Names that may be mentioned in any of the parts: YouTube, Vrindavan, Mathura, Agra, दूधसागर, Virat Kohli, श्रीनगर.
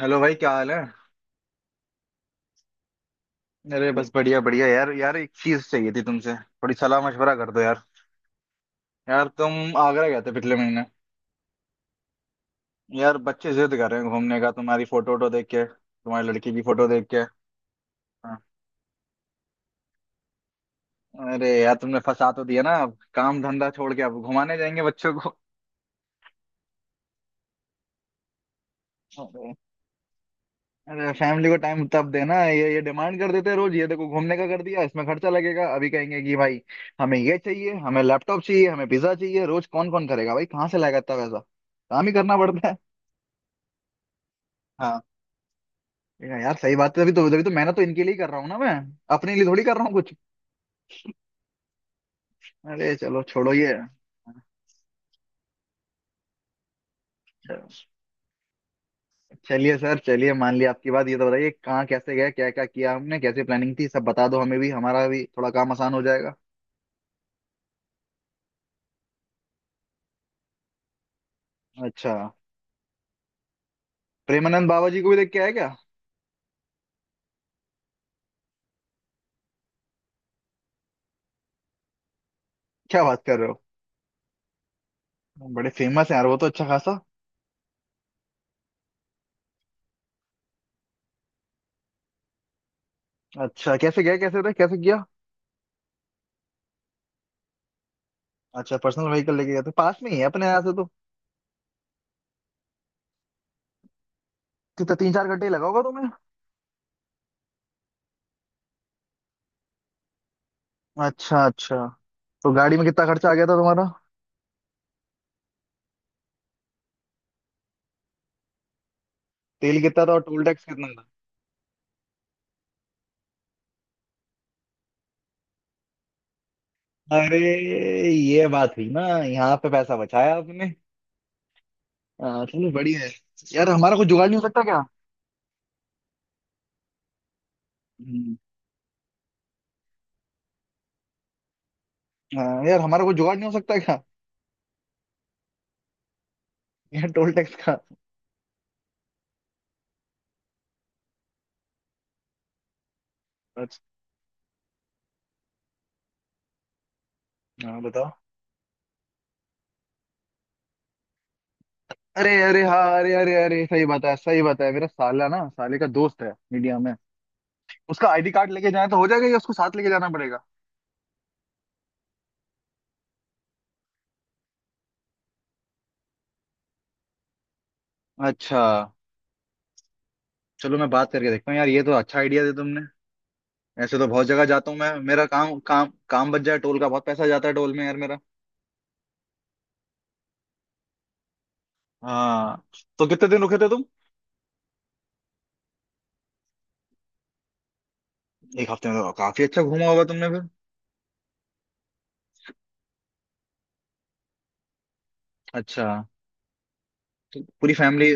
Hello भाई, क्या हाल है? अरे बस बढ़िया बढ़िया, यार यार एक चीज चाहिए थी तुमसे, थोड़ी सलाह मशवरा कर दो यार। यार तुम आगरा गए थे पिछले महीने। यार बच्चे जिद कर रहे हैं घूमने का, तुम्हारी फोटो वोटो देख के, तुम्हारी लड़की की फोटो देख के। हाँ। अरे यार तुमने फंसा तो दिया ना, अब काम धंधा छोड़ के अब घुमाने जाएंगे बच्चों को। अरे अरे फैमिली को टाइम तब देना, ये डिमांड कर देते हैं रोज। ये देखो घूमने का कर दिया, इसमें खर्चा लगेगा। अभी कहेंगे कि भाई हमें ये चाहिए, हमें लैपटॉप चाहिए, हमें पिज्जा चाहिए रोज। कौन कौन करेगा भाई, कहाँ से लाएगा इतना पैसा? काम ही करना पड़ता है। हाँ, ये यार सही बात है, तभी तो मेहनत तो इनके लिए ही कर रहा हूँ ना मैं। अपने लिए थोड़ी कर रहा हूँ कुछ। अरे चलो छोड़ो ये। अच्छा, चलिए सर, चलिए मान लिया आपकी बात। ये तो बताइए कहाँ कैसे गए, क्या क्या किया हमने, कैसे प्लानिंग थी, सब बता दो। हमें भी हमारा भी थोड़ा काम आसान हो जाएगा। अच्छा, प्रेमानंद बाबा जी को भी देख के आए क्या? क्या बात कर रहे हो? बड़े फेमस हैं यार वो तो, अच्छा खासा। अच्छा, कैसे गए, कैसे रहे, कैसे किया? अच्छा, पर्सनल व्हीकल लेके गए थे? पास में ही है अपने यहाँ से तो। कितना, 3 4 घंटे ही लगा होगा तुम्हें? अच्छा अच्छा। तो गाड़ी में कितना खर्चा आ गया था तुम्हारा? तेल कितना था और टोल टैक्स कितना था? अरे, ये बात हुई ना, यहाँ पे पैसा बचाया आपने। हाँ, चलो बढ़िया है। यार हमारा कुछ जुगाड़ नहीं हो सकता क्या? हम्म, हाँ, यार हमारा कुछ जुगाड़ नहीं हो सकता क्या? यार टोल टैक्स का। अच्छा। हाँ बताओ। अरे अरे हाँ, अरे अरे अरे सही बात है, सही बात है। मेरा साला ना, साले का दोस्त है मीडिया में। उसका आईडी कार्ड लेके जाए तो हो जाएगा या उसको साथ लेके जाना पड़ेगा? अच्छा। चलो मैं बात करके देखता हूँ, यार ये तो अच्छा आइडिया दे तुमने। ऐसे तो बहुत जगह जाता हूँ मैं, मेरा काम, काम काम बच जाए, टोल का बहुत पैसा जाता है टोल में यार मेरा। हाँ। तो कितने दिन रुके थे तुम? एक हफ्ते में तो काफी अच्छा घूमा होगा तुमने फिर। अच्छा। तो पूरी फैमिली।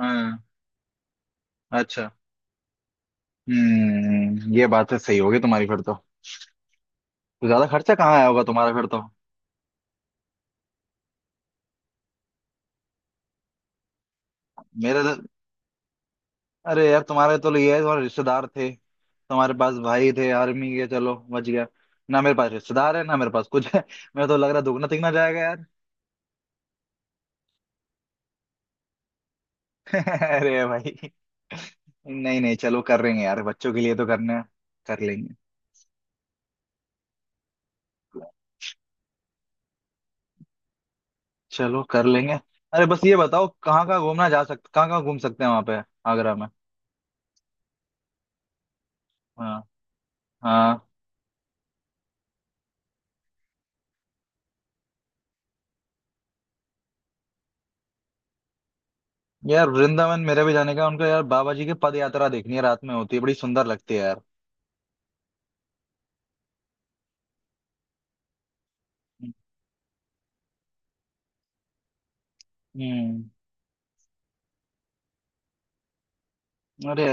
हाँ। अच्छा। हम्म, ये बात है, सही होगी तुम्हारी फिर तो। तो ज्यादा खर्चा कहाँ आया होगा तुम्हारा फिर तो? मेरे तो, अरे यार तुम्हारे तो ये है, तुम्हारे रिश्तेदार थे, तुम्हारे पास भाई थे आर्मी के, चलो बच गया। ना मेरे पास रिश्तेदार है, ना मेरे पास कुछ है। मैं तो लग रहा दुगना तिगना जाएगा यार। अरे भाई, नहीं नहीं, चलो कर लेंगे यार, बच्चों के लिए तो करना है। कर लेंगे। चलो कर लेंगे। अरे बस ये बताओ, कहाँ कहाँ घूमना जा सकते, कहाँ कहाँ घूम सकते हैं वहां पे, आगरा में? हाँ हाँ। यार वृंदावन मेरे भी जाने का उनका, यार बाबा जी की पद यात्रा देखनी है, रात में होती है, बड़ी सुंदर लगती है यार। हम्म। अरे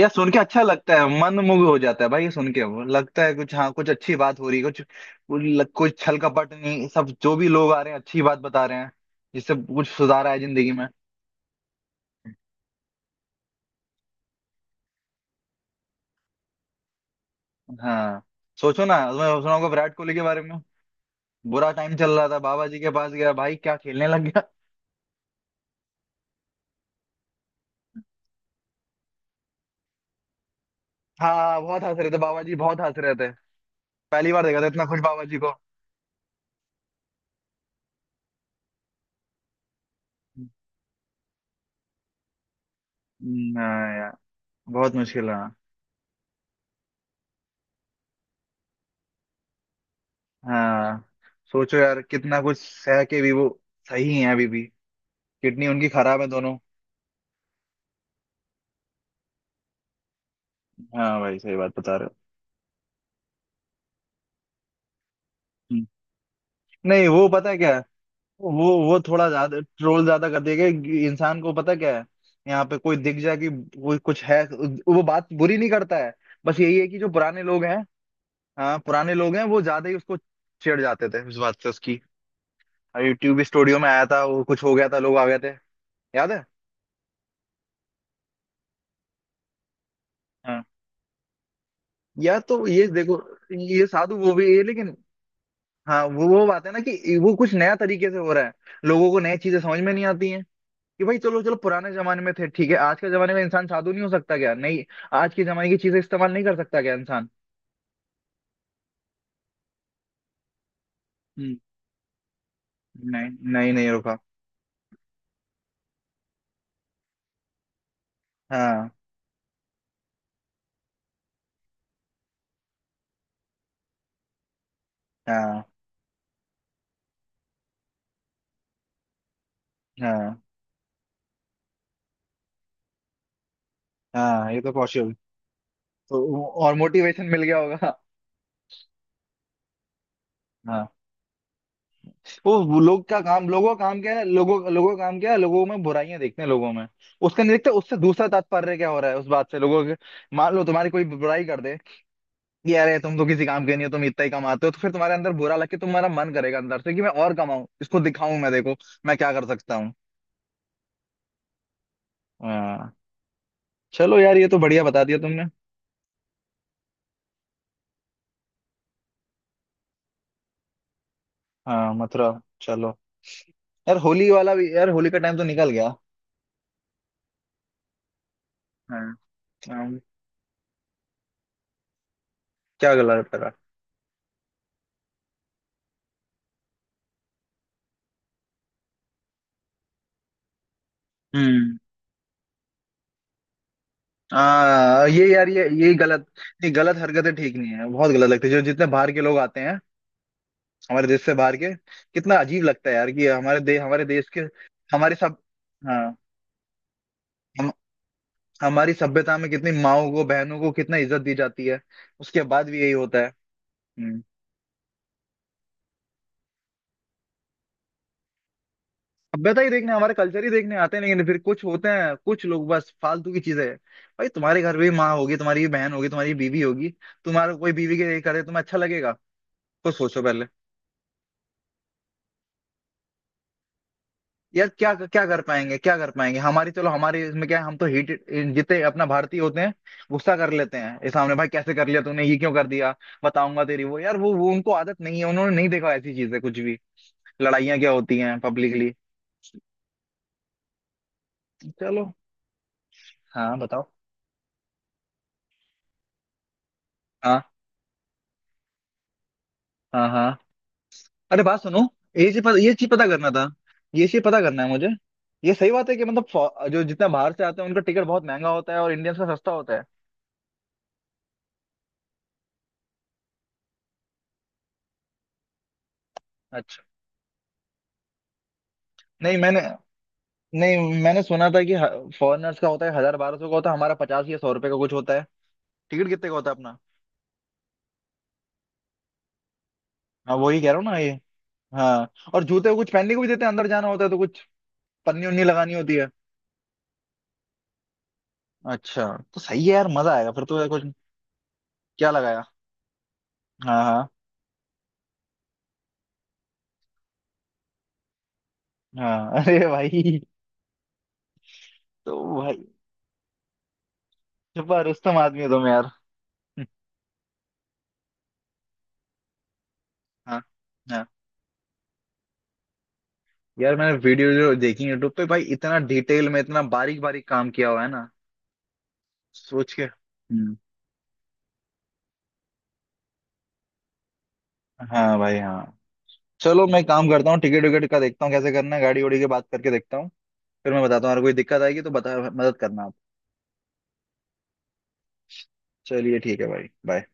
यार सुन के अच्छा लगता है, मन मुग्ध हो जाता है भाई ये सुन के, वो लगता है कुछ, हाँ, कुछ अच्छी बात हो रही है, कुछ कुछ कुछ छल कपट नहीं। सब जो भी लोग आ रहे हैं अच्छी बात बता रहे हैं, जिससे कुछ सुधार आए जिंदगी में। हाँ, सोचो ना, मैं सुना होगा विराट कोहली के बारे में, बुरा टाइम चल रहा था, बाबा जी के पास गया भाई, क्या खेलने लग गया। हाँ बहुत हंस रहे थे बाबा जी, बहुत हंस रहे थे। पहली बार देखा था इतना खुश बाबा जी को। हाँ यार। बहुत मुश्किल है। हाँ, सोचो यार कितना कुछ सह के भी वो सही है अभी भी। किडनी उनकी खराब है दोनों। हाँ भाई, सही बात बता रहे हो। हम्म। नहीं, वो पता है क्या है, वो थोड़ा ज्यादा ट्रोल ज्यादा कर देगा। इंसान को पता क्या है, यहाँ पे कोई दिख जाए कि कोई कुछ है, वो बात बुरी नहीं करता है। बस यही है कि जो पुराने लोग हैं, हाँ पुराने लोग हैं, वो ज्यादा ही उसको छेड़ जाते थे इस बात से उसकी। यूट्यूब स्टूडियो में आया था वो, कुछ हो गया था, लोग आ गए थे, याद है? हाँ, या तो ये देखो, ये साधु वो भी है लेकिन, हाँ वो बात है ना कि वो कुछ नया तरीके से हो रहा है, लोगों को नई चीजें समझ में नहीं आती हैं कि भाई। चलो चलो, पुराने जमाने में थे ठीक है, आज के जमाने में इंसान साधु नहीं हो सकता क्या? नहीं, आज के जमाने की चीजें इस्तेमाल नहीं कर सकता क्या इंसान? हम्म। नहीं नहीं नहीं रुका। हाँ हाँ हाँ हाँ, ये तो पॉसिबल, तो और मोटिवेशन मिल गया होगा। वो लोग का काम, लोगों का काम क्या है, लोगों लोगों का काम क्या है, लोगों में बुराइयां देखते हैं लोगों में, उसका नहीं देखते उससे दूसरा तात्पर्य क्या हो रहा है उस बात से लोगों के। मान लो तुम्हारी कोई बुराई कर दे कि अरे तुम तो किसी काम के नहीं हो, तुम इतना ही कमाते हो, तो फिर तुम्हारे अंदर बुरा लग के तुम्हारा मन करेगा अंदर से कि मैं और कमाऊं, इसको दिखाऊं, मैं देखो मैं क्या कर सकता हूँ। हाँ, चलो यार ये तो बढ़िया बता दिया तुमने। हाँ मथुरा, चलो, यार होली वाला भी, यार होली का टाइम तो निकल गया। हाँ। हाँ, क्या गला है तेरा? हम्म। हाँ, ये यार ये गलत, नहीं, गलत हरकतें ठीक नहीं है, बहुत गलत लगती है, जो जितने बाहर के लोग आते हैं हमारे देश से बाहर के, कितना अजीब लगता है यार कि हमारे देश के, हमारे सब, हाँ, हम हमारी सभ्यता में कितनी माओ को, बहनों को कितना इज्जत दी जाती है, उसके बाद भी यही होता है। हम्म। सभ्यता ही देखने, हमारे कल्चर ही देखने आते हैं, लेकिन फिर कुछ होते हैं कुछ लोग बस फालतू की चीजें। भाई तुम्हारे घर में भी माँ होगी, तुम्हारी भी बहन होगी, तुम्हारी भी बीवी होगी। तुम्हारा कोई बीवी के करे तुम्हें अच्छा लगेगा? तो सोचो पहले। यार क्या क्या कर पाएंगे, क्या कर पाएंगे हमारी, चलो हमारी इसमें क्या है, हम तो हीट, जितने अपना भारतीय होते हैं गुस्सा कर लेते हैं, ये सामने भाई कैसे कर लिया तूने, ये क्यों कर दिया, बताऊंगा तेरी वो, यार वो उनको आदत नहीं है, उन्होंने नहीं देखा ऐसी चीजें कुछ भी, लड़ाइयाँ क्या होती हैं पब्लिकली। चलो। हाँ बताओ। हाँ हाँ हाँ, अरे बात सुनो, ये चीज पता, ये चीज पता करना था, ये चीज पता करना है मुझे। ये सही बात है कि मतलब जो जितना बाहर से आते हैं उनका टिकट बहुत महंगा होता है और इंडियंस का सस्ता होता है। अच्छा, नहीं मैंने, नहीं मैंने सुना था कि फॉरेनर्स का होता है 1,000 1,200 का होता है, हमारा 50 या 100 रुपए का कुछ होता है। टिकट कितने का होता है अपना? हाँ वही कह रहा हूँ ना ये। हाँ, और जूते कुछ पहनने को भी देते हैं, अंदर जाना होता है तो कुछ पन्नी उन्नी लगानी होती है। अच्छा। तो सही है यार, मजा आएगा फिर तो यार कुछ। क्या लगाया? हाँ हाँ। हाँ अरे भाई, तो भाई छुपा रुस्तम आदमी हो तुम यार। हाँ। हाँ यार मैंने वीडियो जो देखी यूट्यूब पे भाई, इतना डिटेल में, इतना बारीक बारीक काम किया हुआ है ना, सोच के, हम्म। हाँ भाई हाँ। चलो मैं काम करता हूँ, टिकट विकेट का देखता हूँ, कैसे करना है, गाड़ी उड़ी के बात करके देखता हूँ। फिर मैं बताता हूँ, अगर कोई दिक्कत आएगी तो बता, मदद करना आप। चलिए ठीक है भाई, बाय।